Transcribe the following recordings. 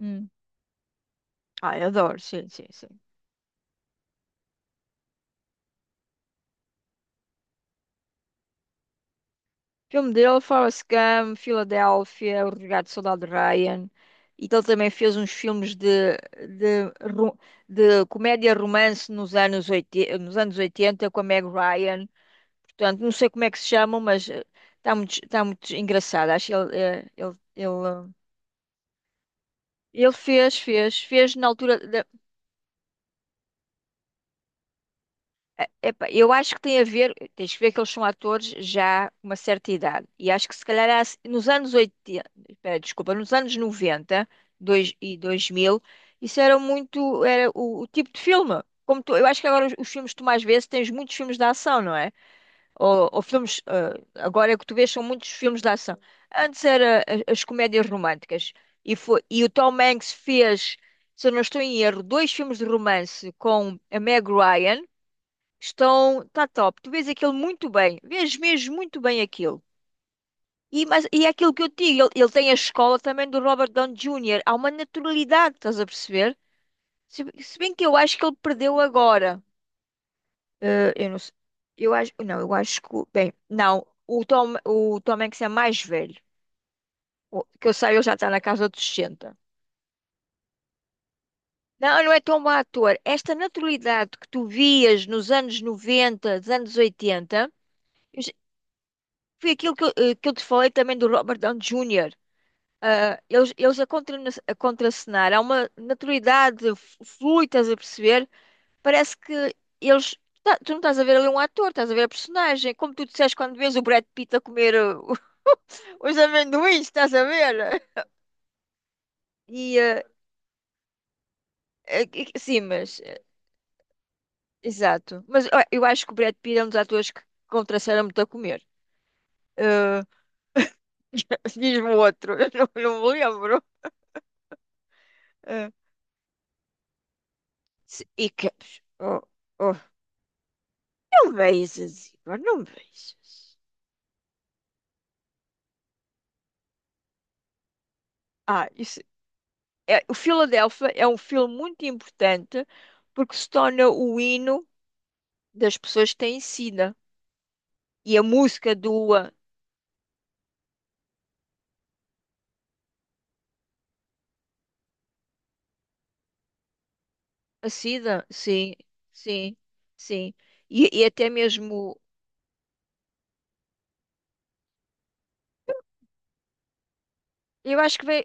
Hum. Ai, adoro, sim, sim, sim. Filme dele, Forrest Gump, Filadélfia, O Resgate do Soldado Ryan. E que ele também fez uns filmes de, ro- de comédia romance nos anos 80, nos anos 80 com a Meg Ryan. Portanto, não sei como é que se chamam, mas está muito engraçado. Acho que ele fez na altura. Epá, eu acho que tem a ver, tens que ver que eles são atores já com uma certa idade. E acho que se calhar nos anos 80, espera, desculpa, nos anos 90, dois, e 2000, isso era muito, era o tipo de filme. Eu acho que agora os filmes que tu mais vês, tens muitos filmes de ação, não é? Ou filmes, agora é que tu vês são muitos filmes de ação. Antes era as comédias românticas. E o Tom Hanks fez, se eu não estou em erro, dois filmes de romance com a Meg Ryan. Estão, está top. Tu vês aquilo muito bem. Vês mesmo muito bem aquilo. E é aquilo que eu te digo, ele tem a escola também do Robert Downey Jr. Há uma naturalidade, estás a perceber? Se bem que eu acho que ele perdeu agora. Eu não sei. Eu acho, não, eu acho que... Bem, não. O Tom Hanks é mais velho. Que eu saiba, ele já está na casa dos 60. Não, não é tão bom ator. Esta naturalidade que tu vias nos anos 90, dos anos 80. Foi aquilo que eu te falei também do Robert Downey Jr. Ah, eles a contracenar, há uma naturalidade flui, estás a perceber? Parece que eles... tu não estás a ver ali um ator, estás a ver a personagem. Como tu disseste quando vês o Brad Pitt a comer, os amendoins, estás a ver? E, eh, sim, mas exato. Mas ó, eu acho que o Brad Pitt é um dos atores que contracenaram muito a comer. Ah, diz-me outro, eu não, não me lembro. Ah, e que... oh, oh. Não vejas, Igor, não vejas. Ah, isso é o Filadélfia é um filme muito importante porque se torna o hino das pessoas que têm SIDA. E a música do a SIDA, sim, sim, sim. E até mesmo, eu acho que vem,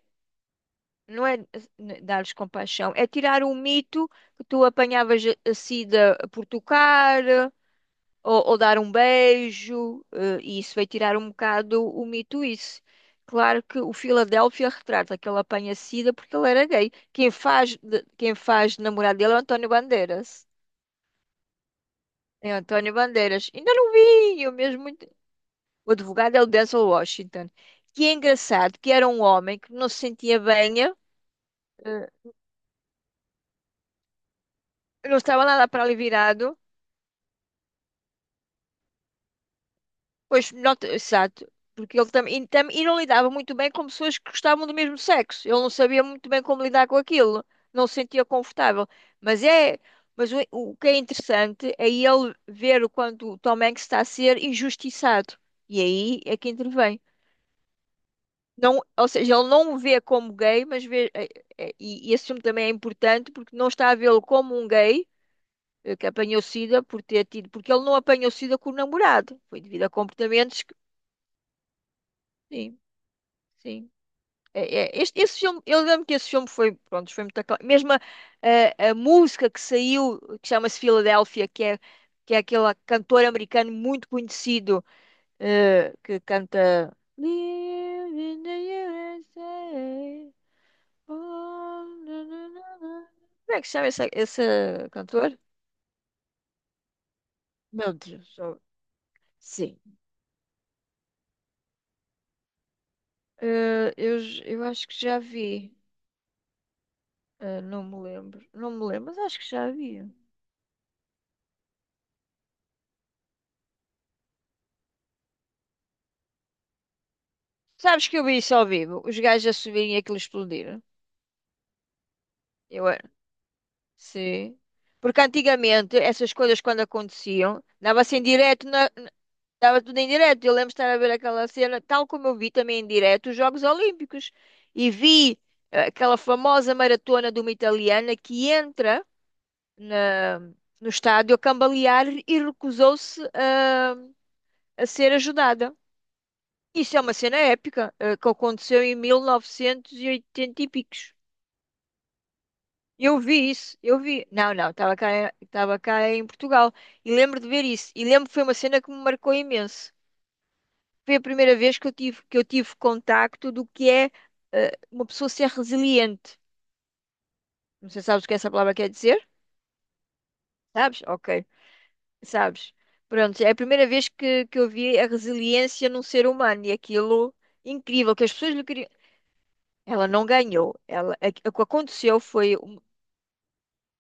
não é dar-lhes compaixão, é tirar o mito que tu apanhavas a SIDA por tocar, ou dar um beijo, e isso vai tirar um bocado o mito isso. Claro que o Filadélfia retrata que ele apanha sida porque ele era gay. Quem faz, quem faz de namorado dele é o António Bandeiras. É o António Bandeiras. Ainda não vi, eu mesmo... O advogado é o Denzel Washington. Que é engraçado, que era um homem que não se sentia bem, não estava nada para ali virado. Pois, nota, exato. Porque ele também e não lidava muito bem com pessoas que gostavam do mesmo sexo. Ele não sabia muito bem como lidar com aquilo. Não se sentia confortável. Mas é, mas o que é interessante é ele ver o quanto o Tom Hanks está a ser injustiçado. E aí é que intervém. Não, ou seja, ele não o vê como gay, mas vê, e esse filme também é importante porque não está a vê-lo como um gay que apanhou SIDA por ter tido, porque ele não apanhou SIDA com o namorado. Foi devido a comportamentos que... sim. Sim. Esse filme, eu lembro que esse filme foi, pronto, foi muito aclamado. Mesmo a música que saiu, que chama-se Philadelphia, que é aquele cantor americano muito conhecido, que canta Live in the USA. Oh, na, na, na, na. Como é que se chama esse cantor? Meu Deus, oh, sim. Eu acho que já vi. Não me lembro. Não me lembro, mas acho que já vi. Sabes que eu vi isso ao vivo, os gajos a subirem e aquilo explodir. Eu era, sim. Porque antigamente essas coisas quando aconteciam, dava-se em direto, dava tudo em direto. Eu lembro de estar a ver aquela cena, tal como eu vi também em direto os Jogos Olímpicos. E vi, aquela famosa maratona de uma italiana que entra na- no estádio a cambalear e recusou-se a, ser ajudada. Isso é uma cena épica, que aconteceu em 1980 e oitenta e picos. Eu vi isso, eu vi. Não, não, estava cá em Portugal e lembro de ver isso. E lembro que foi uma cena que me marcou imenso. Foi a primeira vez que eu tive contacto do que é, uma pessoa ser resiliente. Não sei se sabes o que essa palavra quer dizer? Sabes? Ok, sabes. Pronto, é a primeira vez que eu vi a resiliência num ser humano e aquilo incrível que as pessoas lhe queriam. Ela não ganhou. Ela, o que aconteceu foi...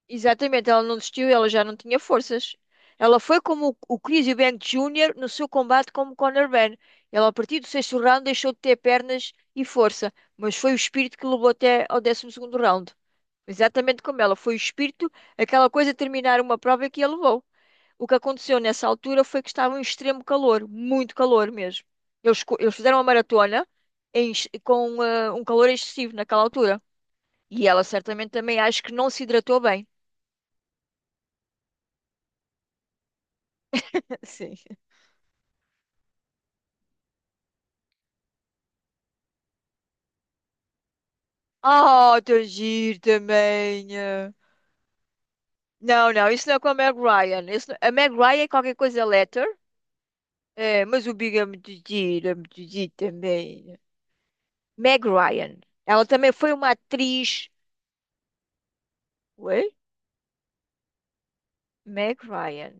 Exatamente, ela não desistiu, ela já não tinha forças. Ela foi como o Chris Eubank Jr. no seu combate como Conor Benn. Ela, a partir do 6º round, deixou de ter pernas e força, mas foi o espírito que levou até ao 12º round. Exatamente como ela, foi o espírito, aquela coisa de terminar uma prova que a levou. O que aconteceu nessa altura foi que estava um extremo calor, muito calor mesmo. Eles fizeram uma maratona com um calor excessivo naquela altura. E ela certamente também acho que não se hidratou bem. Sim. Ah, tão giro também. Eh. Não, não, isso não é com a Meg Ryan. Isso A Meg Ryan é qualquer coisa letter. É, mas o Big é muito giro também. Meg Ryan. Ela também foi uma atriz. Ué? Meg Ryan.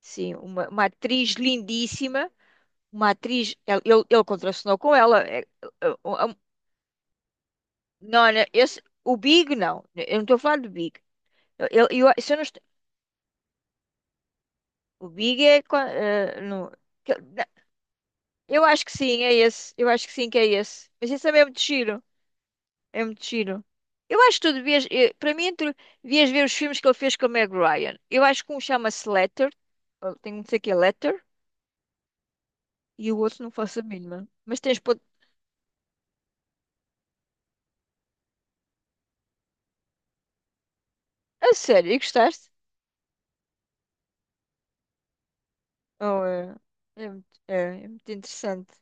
Sim, uma atriz lindíssima. Uma atriz. Ele contracenou com ela. É, é, é, é, não, não, o Big não. Eu não estou a falar do Big. Se eu não estou... o Big é. Qua- eh, no- Eu acho que sim, é esse. Eu acho que sim, que é esse. Mas isso também é muito giro. É muito giro. Eu acho que tu devias... Para mim, tu devias ver os filmes que ele fez com a Meg Ryan. Eu acho que um chama-se Letter. Ou tem um que sei que é Letter. E o outro não faço a mínima. Mas tens... A sério, e gostaste? Oh, é, muito, é, é muito interessante.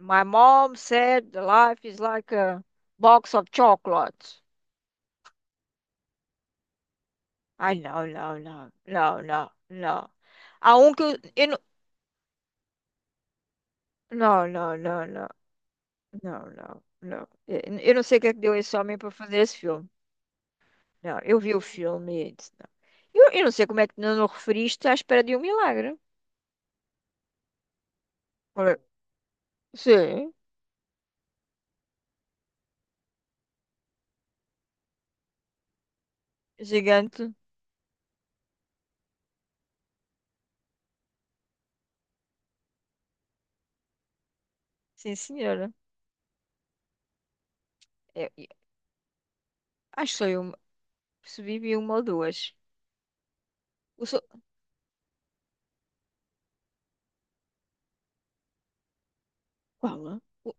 My mom said the life is like a box of chocolates. Ai, não, não, não, não, não, não. Há um que eu não. Não, não, não, não. Não, não, não. Eu não sei o que é que deu esse homem para fazer esse filme. Não, eu vi o filme e disse, não. Eu não sei como é que não o referiste à espera de um milagre. Olha, sim, gigante. Sim, senhora. Eu acho que foi uma, percebi, vi uma ou duas. O so- Qual? É? O-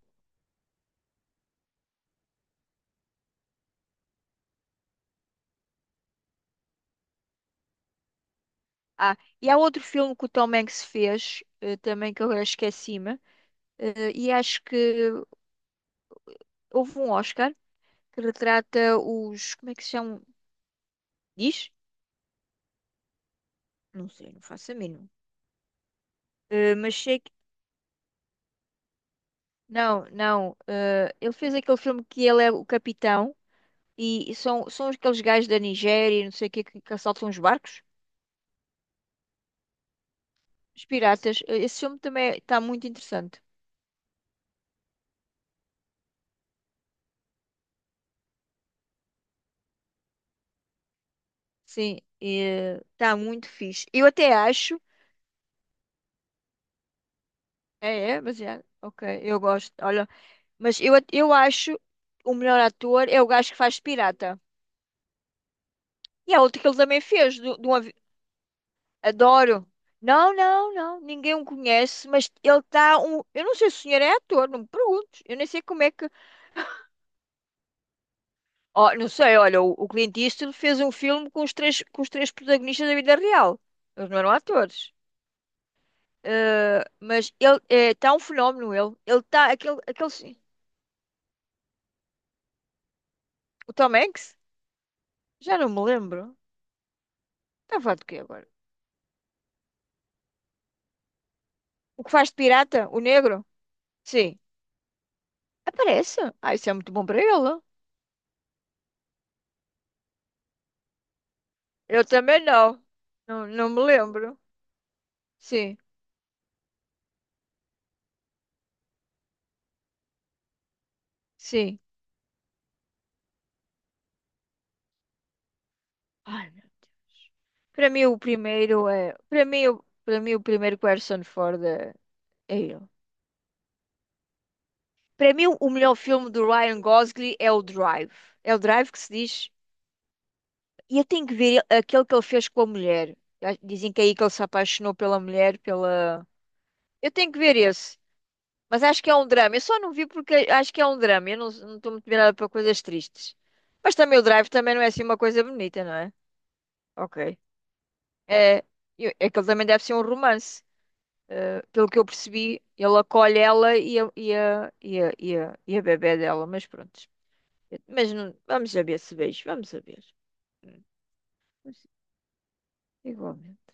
Ah, e há outro filme que o Tom Hanks fez, também, que eu agora esqueci-me, e acho que houve um Oscar que retrata os... Como é que se chama? Diz? Não sei, não faço a mínima. Mas sei... Não, não. Ele fez aquele filme que ele é o capitão e são aqueles gajos da Nigéria e não sei o quê que assaltam os barcos, os piratas. Esse filme também está muito interessante. Sim, está muito fixe. Eu até acho. É, é, mas é. Ok, eu gosto. Olha, mas eu acho o melhor ator é o gajo que faz de pirata. E há outro que ele também fez, do Adoro. Não, não, não. Ninguém o conhece, mas ele está um. Eu não sei se o senhor é ator, não me perguntes. Eu nem sei como é que... Ó, não sei, olha, o Clint Eastwood fez um filme com os três protagonistas da vida real. Eles não eram atores. Mas ele está um fenómeno, ele. Ele está, aquele... sim. O Tom Hanks? Já não me lembro. Está a falar do quê agora? O que faz de pirata? O negro? Sim. Aparece. Ah, isso é muito bom para ele. Eu também não. Não, não me lembro. Sim, sim. Ai, meu Deus. Para mim o primeiro é... Para mim o primeiro que o Harrison Ford é ele. Para mim, o melhor filme do Ryan Gosling é o Drive. É o Drive que se diz. E eu tenho que ver aquele que ele fez com a mulher. Já dizem que é aí que ele se apaixonou pela mulher, pela... Eu tenho que ver esse. Mas acho que é um drama. Eu só não vi porque acho que é um drama. Eu não não estou muito virada para coisas tristes. Mas também o Drive também não é assim uma coisa bonita, não é? Ok. É, é que ele também deve ser um romance. Pelo que eu percebi, ele acolhe ela e a, bebé dela. Mas pronto. Mas não, vamos saber se vejo, vamos saber. Hum, mas... Igualmente.